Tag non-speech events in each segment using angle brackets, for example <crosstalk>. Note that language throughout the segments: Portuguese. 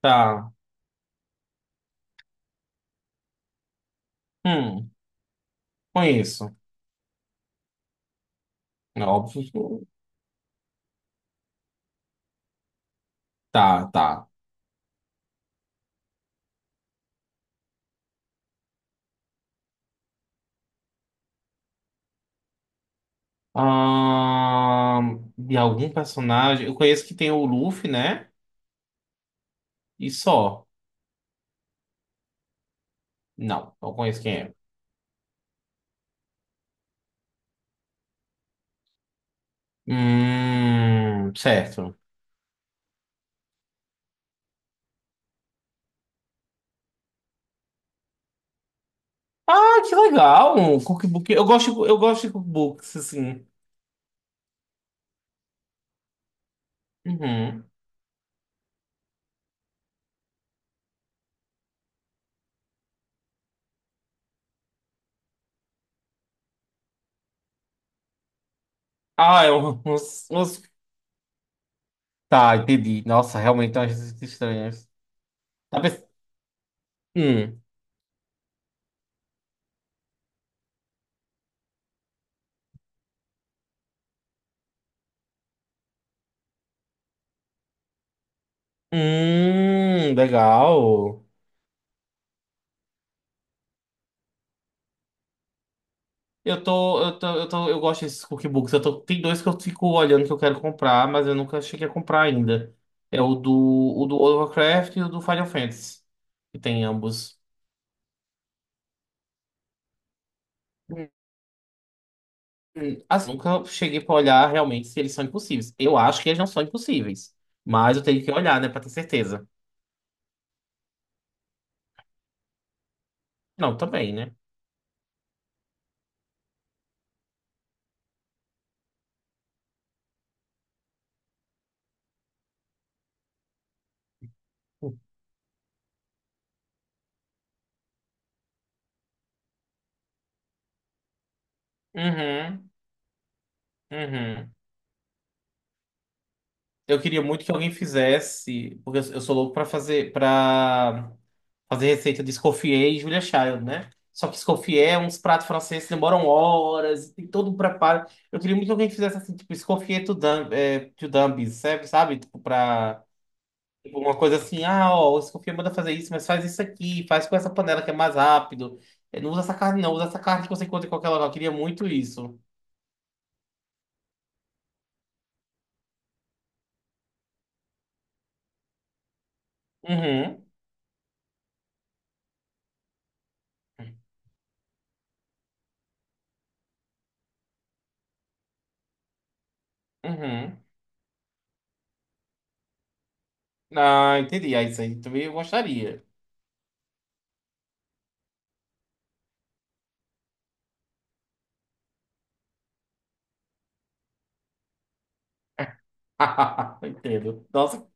Tá. Hum, conheço. É óbvio. Tá, tá. De algum personagem. Eu conheço que tem o Luffy, né? E só. Não, não conheço quem é. Certo. Ah, que legal! Um cookbook. Eu gosto de cookbooks, assim. Uhum. Ah, Tá, entendi. Nossa, realmente é umas receitas estranhas. Tá pens- Hum. Legal. Eu gosto desses cookbooks. Eu tô, tem dois que eu fico olhando que eu quero comprar, mas eu nunca cheguei a comprar ainda. É o do World of Warcraft e o do Final Fantasy, que tem ambos. Assim, nunca cheguei pra olhar realmente se eles são impossíveis. Eu acho que eles não são impossíveis, mas eu tenho que olhar, né, pra ter certeza. Não, também, né? Uhum, uhum. Eu queria muito que alguém fizesse, porque eu sou louco pra fazer, pra. Fazer receita de Escoffier e Julia Child, né? Só que Escoffier, é uns pratos franceses que demoram horas, tem todo um preparo. Eu queria muito que alguém fizesse assim, tipo, Escoffier to dumb, é, to dummies, sabe? Sabe? Tipo, pra... Tipo, uma coisa assim, ah, ó, o Escoffier manda fazer isso, mas faz isso aqui, faz com essa panela que é mais rápido. É, não usa essa carne, não. Usa essa carne que você encontra em qualquer local. Eu queria muito isso. Uhum, uhum. Ah, entendi. Ah, isso aí também eu gostaria. <laughs> Entendo. Nossa,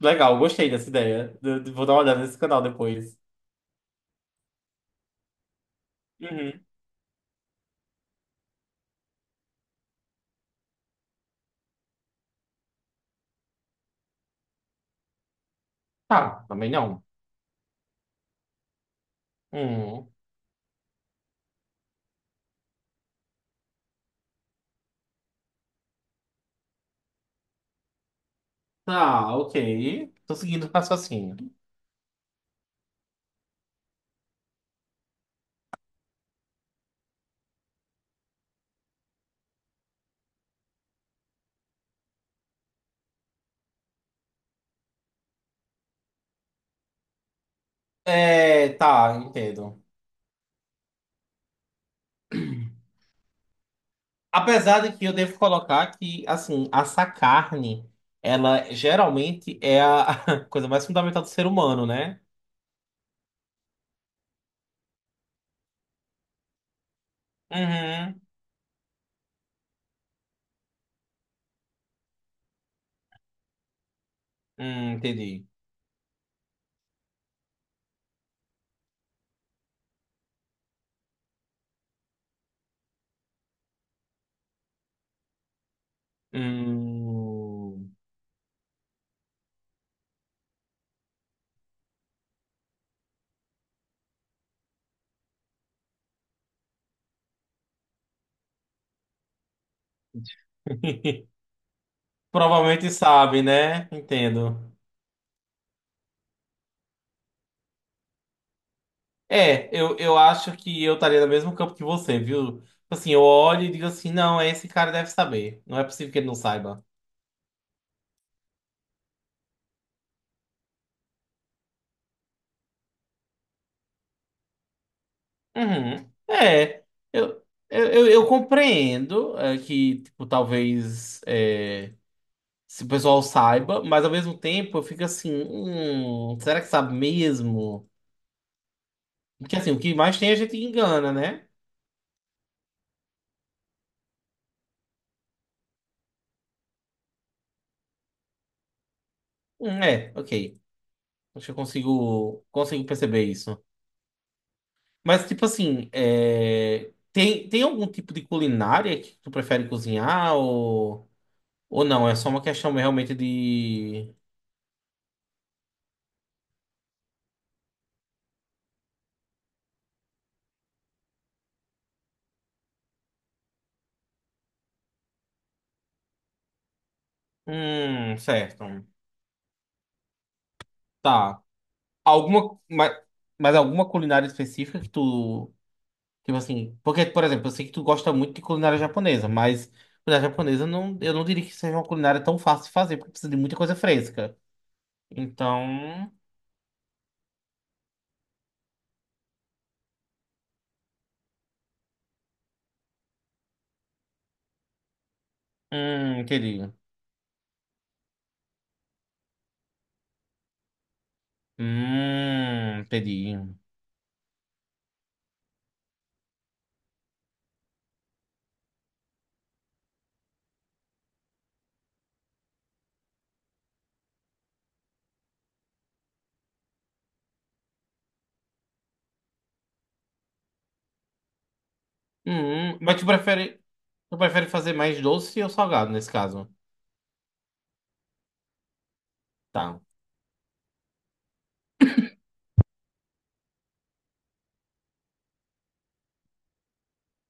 legal. Gostei dessa ideia. Eu Vou dar uma olhada nesse canal depois. Uhum. Tá, também não. Hum. Tá, ok. Tô seguindo o raciocínio. É, tá, entendo. Apesar de que eu devo colocar que, assim, essa carne, ela geralmente é a <laughs> coisa mais fundamental do ser humano, né? Uhum. Entendi. Hum. <laughs> Provavelmente sabe, né? Entendo. É, eu acho que eu estaria no mesmo campo que você, viu? Tipo assim, eu olho e digo assim, não, esse cara deve saber. Não é possível que ele não saiba. Uhum. É, eu, eu compreendo é, que, tipo, talvez é, se o pessoal saiba, mas ao mesmo tempo eu fico assim, será que sabe mesmo? Porque assim, o que mais tem a gente engana, né? É, ok. Acho que eu consigo, consigo perceber isso. Mas, tipo assim, é, tem algum tipo de culinária que tu prefere cozinhar ou não? É só uma questão realmente de. Certo. Tá. Alguma. Mas alguma culinária específica que tu. Tipo assim. Porque, por exemplo, eu sei que tu gosta muito de culinária japonesa, mas culinária japonesa não, eu não diria que seja uma culinária tão fácil de fazer, porque precisa de muita coisa fresca. Então. Entendi. Entendi. Hum, mas tu prefere, tu prefere fazer mais doce ou salgado nesse caso? Tá.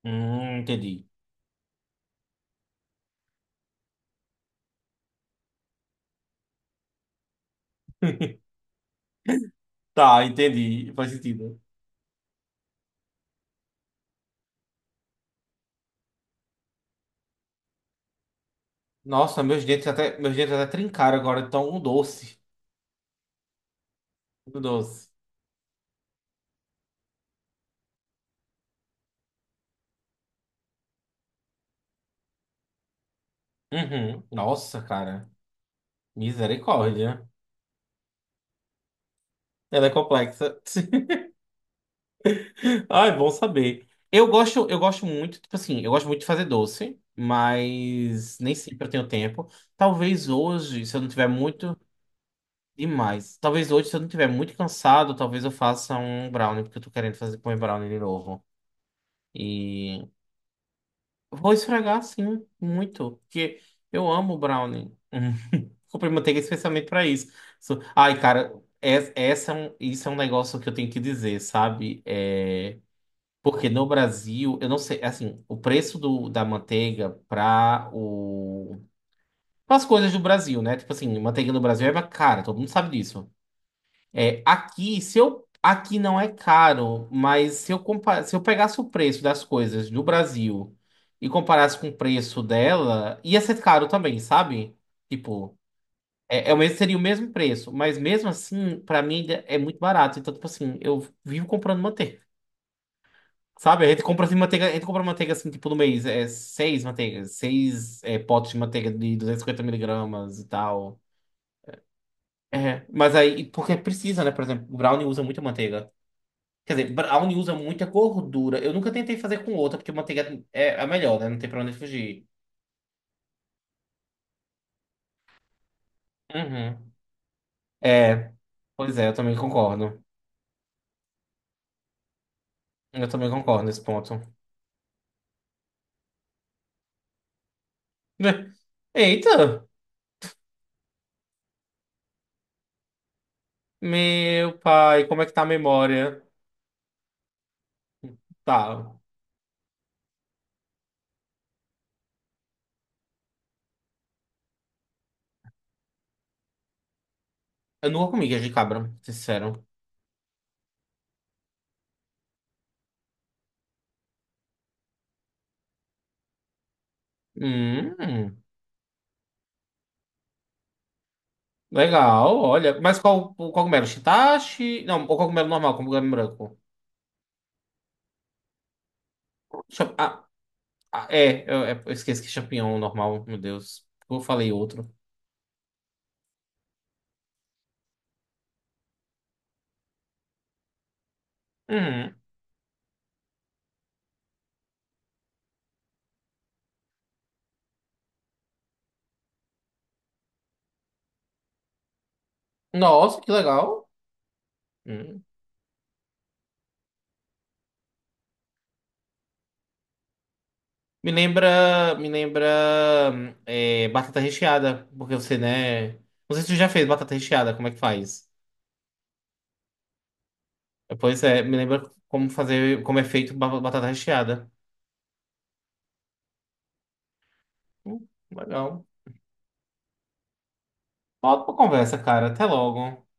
Entendi. Tá, entendi. Faz sentido. Nossa, meus dentes até trincaram agora, tão um doce. Muito doce. Uhum. Nossa, cara. Misericórdia. Ela é complexa. <laughs> Ai, bom saber. Eu gosto muito, tipo assim, eu gosto muito de fazer doce, mas nem sempre eu tenho tempo. Talvez hoje, se eu não tiver muito demais. Talvez hoje, se eu não estiver muito cansado, talvez eu faça um brownie, porque eu tô querendo fazer comer brownie de novo. E vou esfregar, sim, muito. Porque eu amo brownie. <laughs> Comprei manteiga especialmente pra isso. Ai, cara, isso é um negócio que eu tenho que dizer, sabe? É... Porque no Brasil, eu não sei, assim, o preço da manteiga pra o... as coisas do Brasil, né? Tipo assim, manteiga no Brasil é mais cara, todo mundo sabe disso. É, aqui, se eu, aqui não é caro, mas se eu, se eu pegasse o preço das coisas do Brasil e comparasse com o preço dela, ia ser caro também, sabe? Tipo, é o mesmo, seria o mesmo preço, mas mesmo assim, pra mim ainda é muito barato. Então, tipo assim, eu vivo comprando manteiga, sabe? A gente compra assim, manteiga, a gente compra manteiga assim, tipo, no mês, é seis manteigas, seis é, potes de manteiga de 250 miligramas e tal. É, mas aí, porque precisa, né? Por exemplo, o brownie usa muita manteiga. Quer dizer, brownie usa muita gordura. Eu nunca tentei fazer com outra, porque manteiga é a melhor, né? Não tem pra onde fugir. Uhum. É, pois é, eu também concordo. Eu também concordo nesse ponto. <laughs> Eita! Meu pai, como é que tá a memória? Tá. Eu nunca comi queijo de cabra, sincero. Hum, legal, olha. Mas qual o cogumelo? Shiitache? Não, o cogumelo normal, cogumelo branco. Ah, eu esqueci que é champignon normal, meu Deus. Eu falei outro. Uhum. Nossa, que legal. Hum. Me lembra é, batata recheada, porque você, né? Não sei se você já fez batata recheada, como é que faz? Pois é, me lembra como fazer, como é feito batata recheada. Legal. Volta pra conversa, cara. Até logo.